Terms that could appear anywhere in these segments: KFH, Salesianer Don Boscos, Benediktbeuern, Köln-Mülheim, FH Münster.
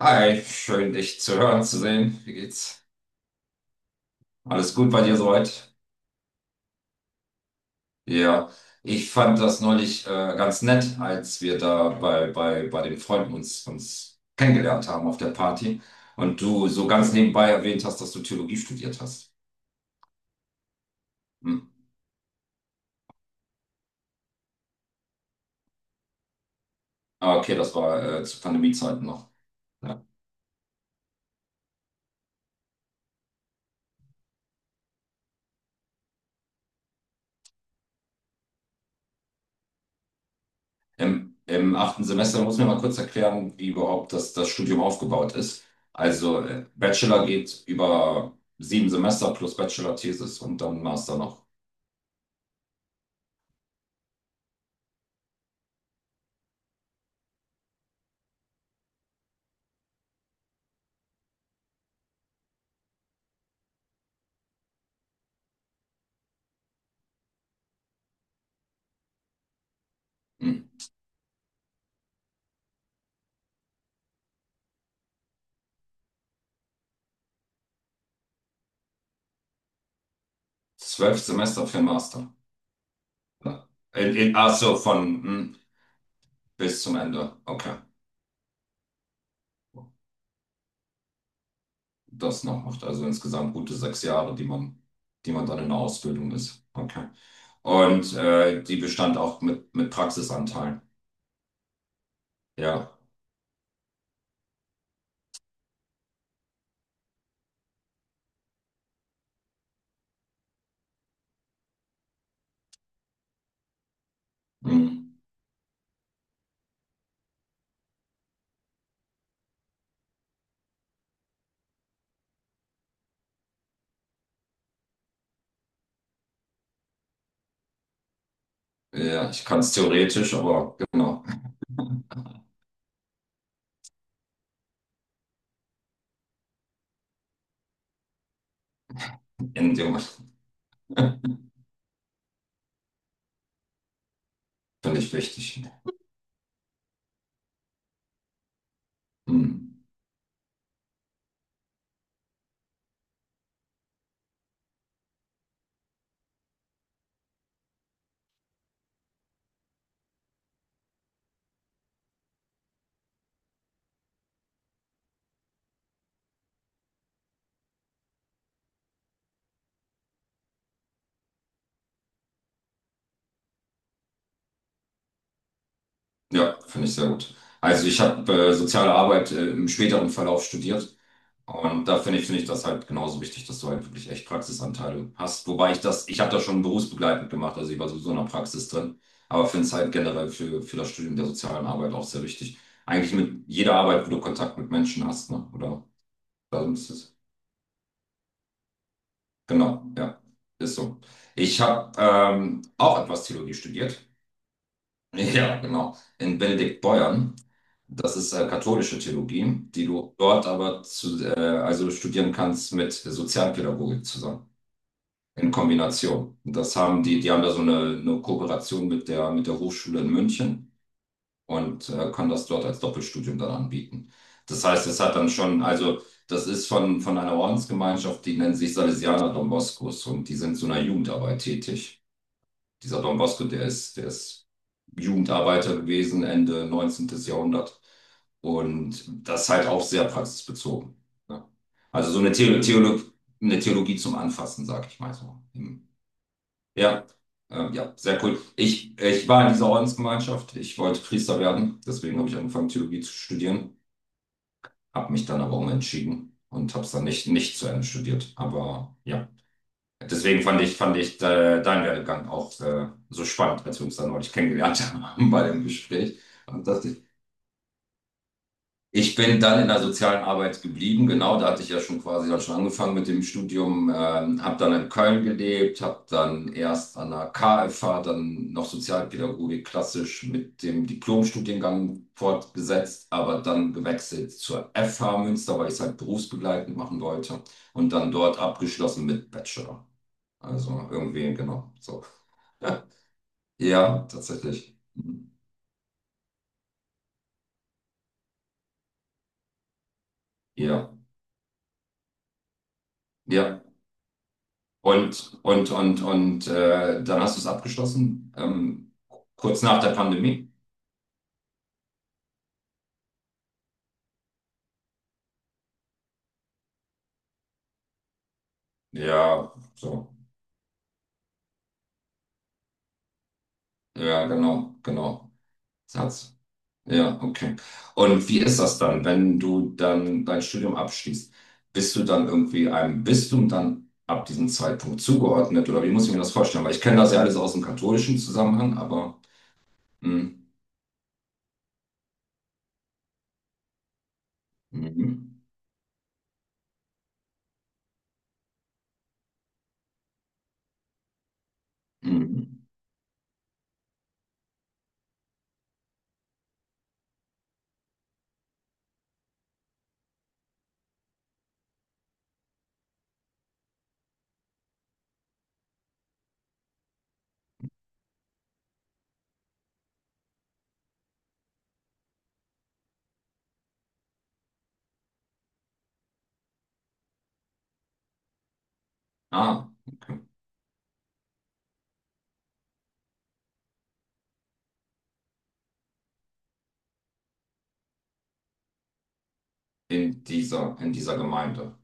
Hi, schön dich zu hören, zu sehen. Wie geht's? Alles gut bei dir soweit? Ja, ich fand das neulich ganz nett, als wir da bei den Freunden uns kennengelernt haben auf der Party und du so ganz nebenbei erwähnt hast, dass du Theologie studiert hast. Hm. Ah, okay, das war zu Pandemiezeiten noch. Ja. Im achten Semester muss mir mal kurz erklären, wie überhaupt das Studium aufgebaut ist. Also Bachelor geht über 7 Semester plus Bachelor-Thesis und dann Master noch. Hm. 12 Semester für Master. Ja. In, ach so, von bis zum Ende. Okay. Das noch macht. Also insgesamt gute 6 Jahre, die man dann in der Ausbildung ist. Okay. Und die bestand auch mit Praxisanteilen. Ja. Hm. Ja, ich kann es theoretisch, aber genau. In dem Moment finde ich wichtig. Hm. Ja, finde ich sehr gut. Also ich habe soziale Arbeit im späteren Verlauf studiert. Und da finde ich das halt genauso wichtig, dass du halt wirklich echt Praxisanteile hast. Wobei ich habe das schon berufsbegleitend gemacht, also ich war sowieso in der Praxis drin, aber finde es halt generell für das Studium der sozialen Arbeit auch sehr wichtig. Eigentlich mit jeder Arbeit, wo du Kontakt mit Menschen hast, ne? Oder darum ist es. Genau, ja, ist so. Ich habe auch etwas Theologie studiert. Ja, genau. In Benediktbeuern. Das ist katholische Theologie, die du dort aber also studieren kannst mit Sozialpädagogik zusammen. In Kombination. Und das haben die haben da so eine Kooperation mit der Hochschule in München und können das dort als Doppelstudium dann anbieten. Das heißt, es hat dann schon, also das ist von einer Ordensgemeinschaft, die nennen sich Salesianer Don Boscos und die sind so einer Jugendarbeit tätig. Dieser Don Bosco, der ist Jugendarbeiter gewesen, Ende 19. Jahrhundert. Und das ist halt auch sehr praxisbezogen. Ne? Also so eine Theolo Theolo eine Theologie zum Anfassen, sag ich mal so. Ja, ja, sehr cool. Ich war in dieser Ordensgemeinschaft. Ich wollte Priester werden. Deswegen habe ich angefangen, Theologie zu studieren. Habe mich dann aber umentschieden und habe es dann nicht zu Ende studiert. Aber ja, deswegen fand ich deinen Werdegang auch so spannend, als wir uns dann neulich kennengelernt haben bei dem Gespräch. Und dachte, Ich bin dann in der sozialen Arbeit geblieben, genau, da hatte ich ja schon quasi dann schon angefangen mit dem Studium, habe dann in Köln gelebt, habe dann erst an der KFH, dann noch Sozialpädagogik klassisch mit dem Diplomstudiengang fortgesetzt, aber dann gewechselt zur FH Münster, weil ich es halt berufsbegleitend machen wollte und dann dort abgeschlossen mit Bachelor. Also irgendwie, genau, so. Ja, tatsächlich. Mhm. Ja, ja. Und dann hast du es abgeschlossen, kurz nach der Pandemie. Ja, so. Ja, genau, genau. Satz. Ja, okay. Und wie ist das dann, wenn du dann dein Studium abschließt? Bist du dann irgendwie einem Bistum dann ab diesem Zeitpunkt zugeordnet? Oder wie muss ich mir das vorstellen? Weil ich kenne das ja alles aus dem katholischen Zusammenhang, aber hm, mhm, mhm. Ah, in dieser Gemeinde.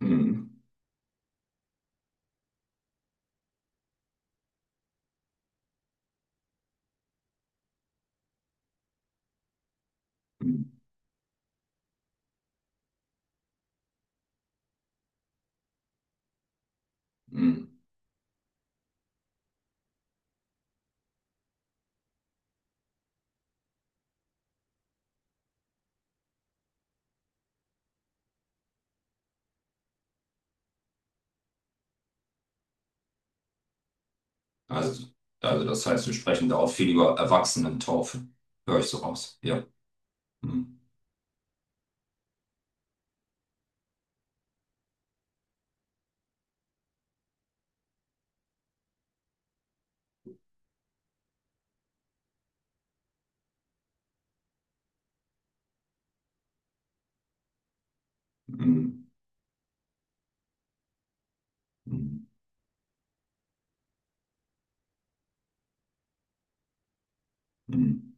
Mhm, mhm, mhm. Also, also das heißt, wir sprechen da auch viel über Erwachsenentaufe. Höre ich so raus. Ja. Hm, hm, hm, hm.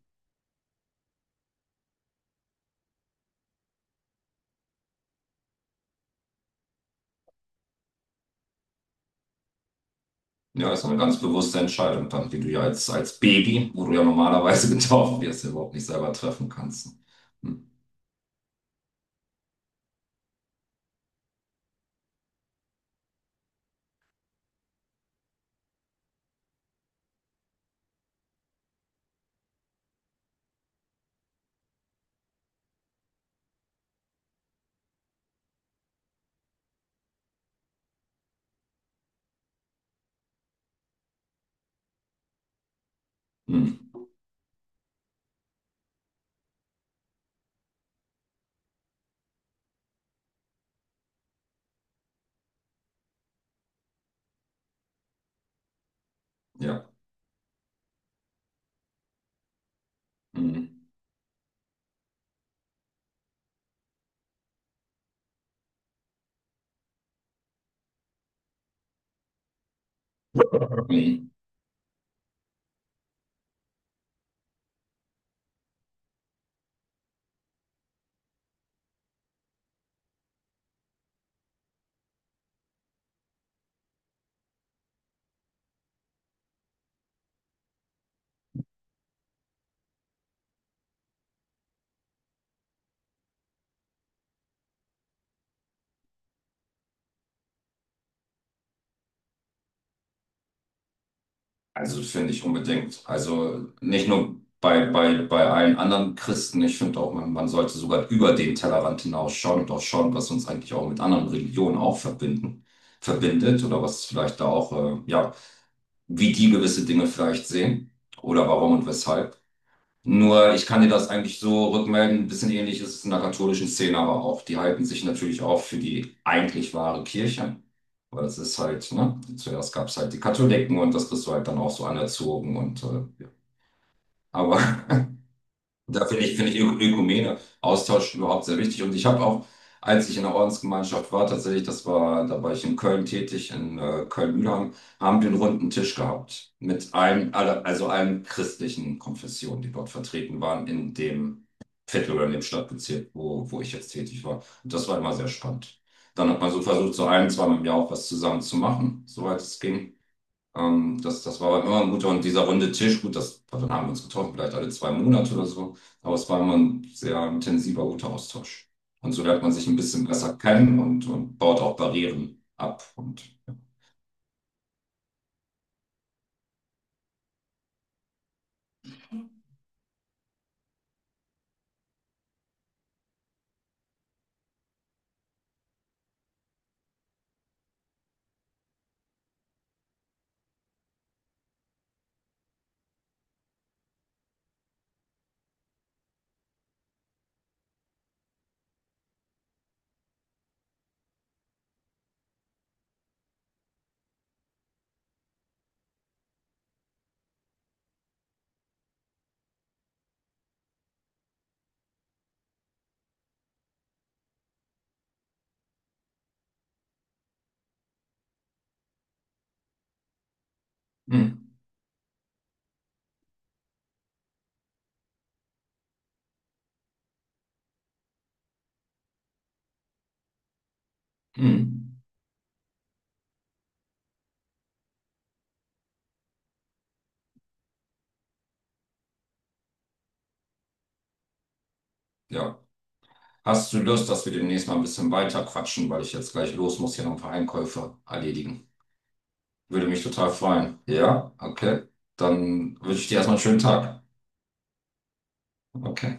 Ja, ist eine ganz bewusste Entscheidung dann, die du ja als Baby, wo du ja normalerweise getauft wirst, ja überhaupt nicht selber treffen kannst. Hm, hm, ja. Hm, hm. Also das finde ich unbedingt. Also nicht nur bei allen anderen Christen. Ich finde auch, man sollte sogar über den Tellerrand hinausschauen und auch schauen, was uns eigentlich auch mit anderen Religionen auch verbindet oder was vielleicht da auch, ja, wie die gewisse Dinge vielleicht sehen oder warum und weshalb. Nur ich kann dir das eigentlich so rückmelden, ein bisschen ähnlich ist es in der katholischen Szene aber auch. Die halten sich natürlich auch für die eigentlich wahre Kirche. Weil es ist halt, ne, zuerst gab es halt die Katholiken und das bist du halt dann auch so anerzogen und ja. Aber da finde ich Ökumene, Austausch überhaupt sehr wichtig. Und ich habe auch, als ich in der Ordensgemeinschaft war, tatsächlich, da war ich in Köln tätig, in Köln-Mülheim, haben wir einen runden Tisch gehabt mit also allen christlichen Konfessionen, die dort vertreten waren, in dem Viertel oder in dem Stadtbezirk, wo ich jetzt tätig war. Und das war immer sehr spannend. Dann hat man so versucht, so ein, zweimal im Jahr auch was zusammen zu machen, soweit es ging. Das war aber immer ein guter und dieser runde Tisch, gut, dann haben wir uns getroffen, vielleicht alle 2 Monate oder so, aber es war immer ein sehr intensiver, guter Austausch. Und so lernt man sich ein bisschen besser kennen und, baut auch Barrieren ab. Und, hm, hm, ja. Hast du Lust, dass wir demnächst mal ein bisschen weiter quatschen, weil ich jetzt gleich los muss, hier noch ein paar Einkäufe erledigen? Würde mich total freuen. Ja, okay. Dann wünsche ich dir erstmal einen schönen Tag. Okay.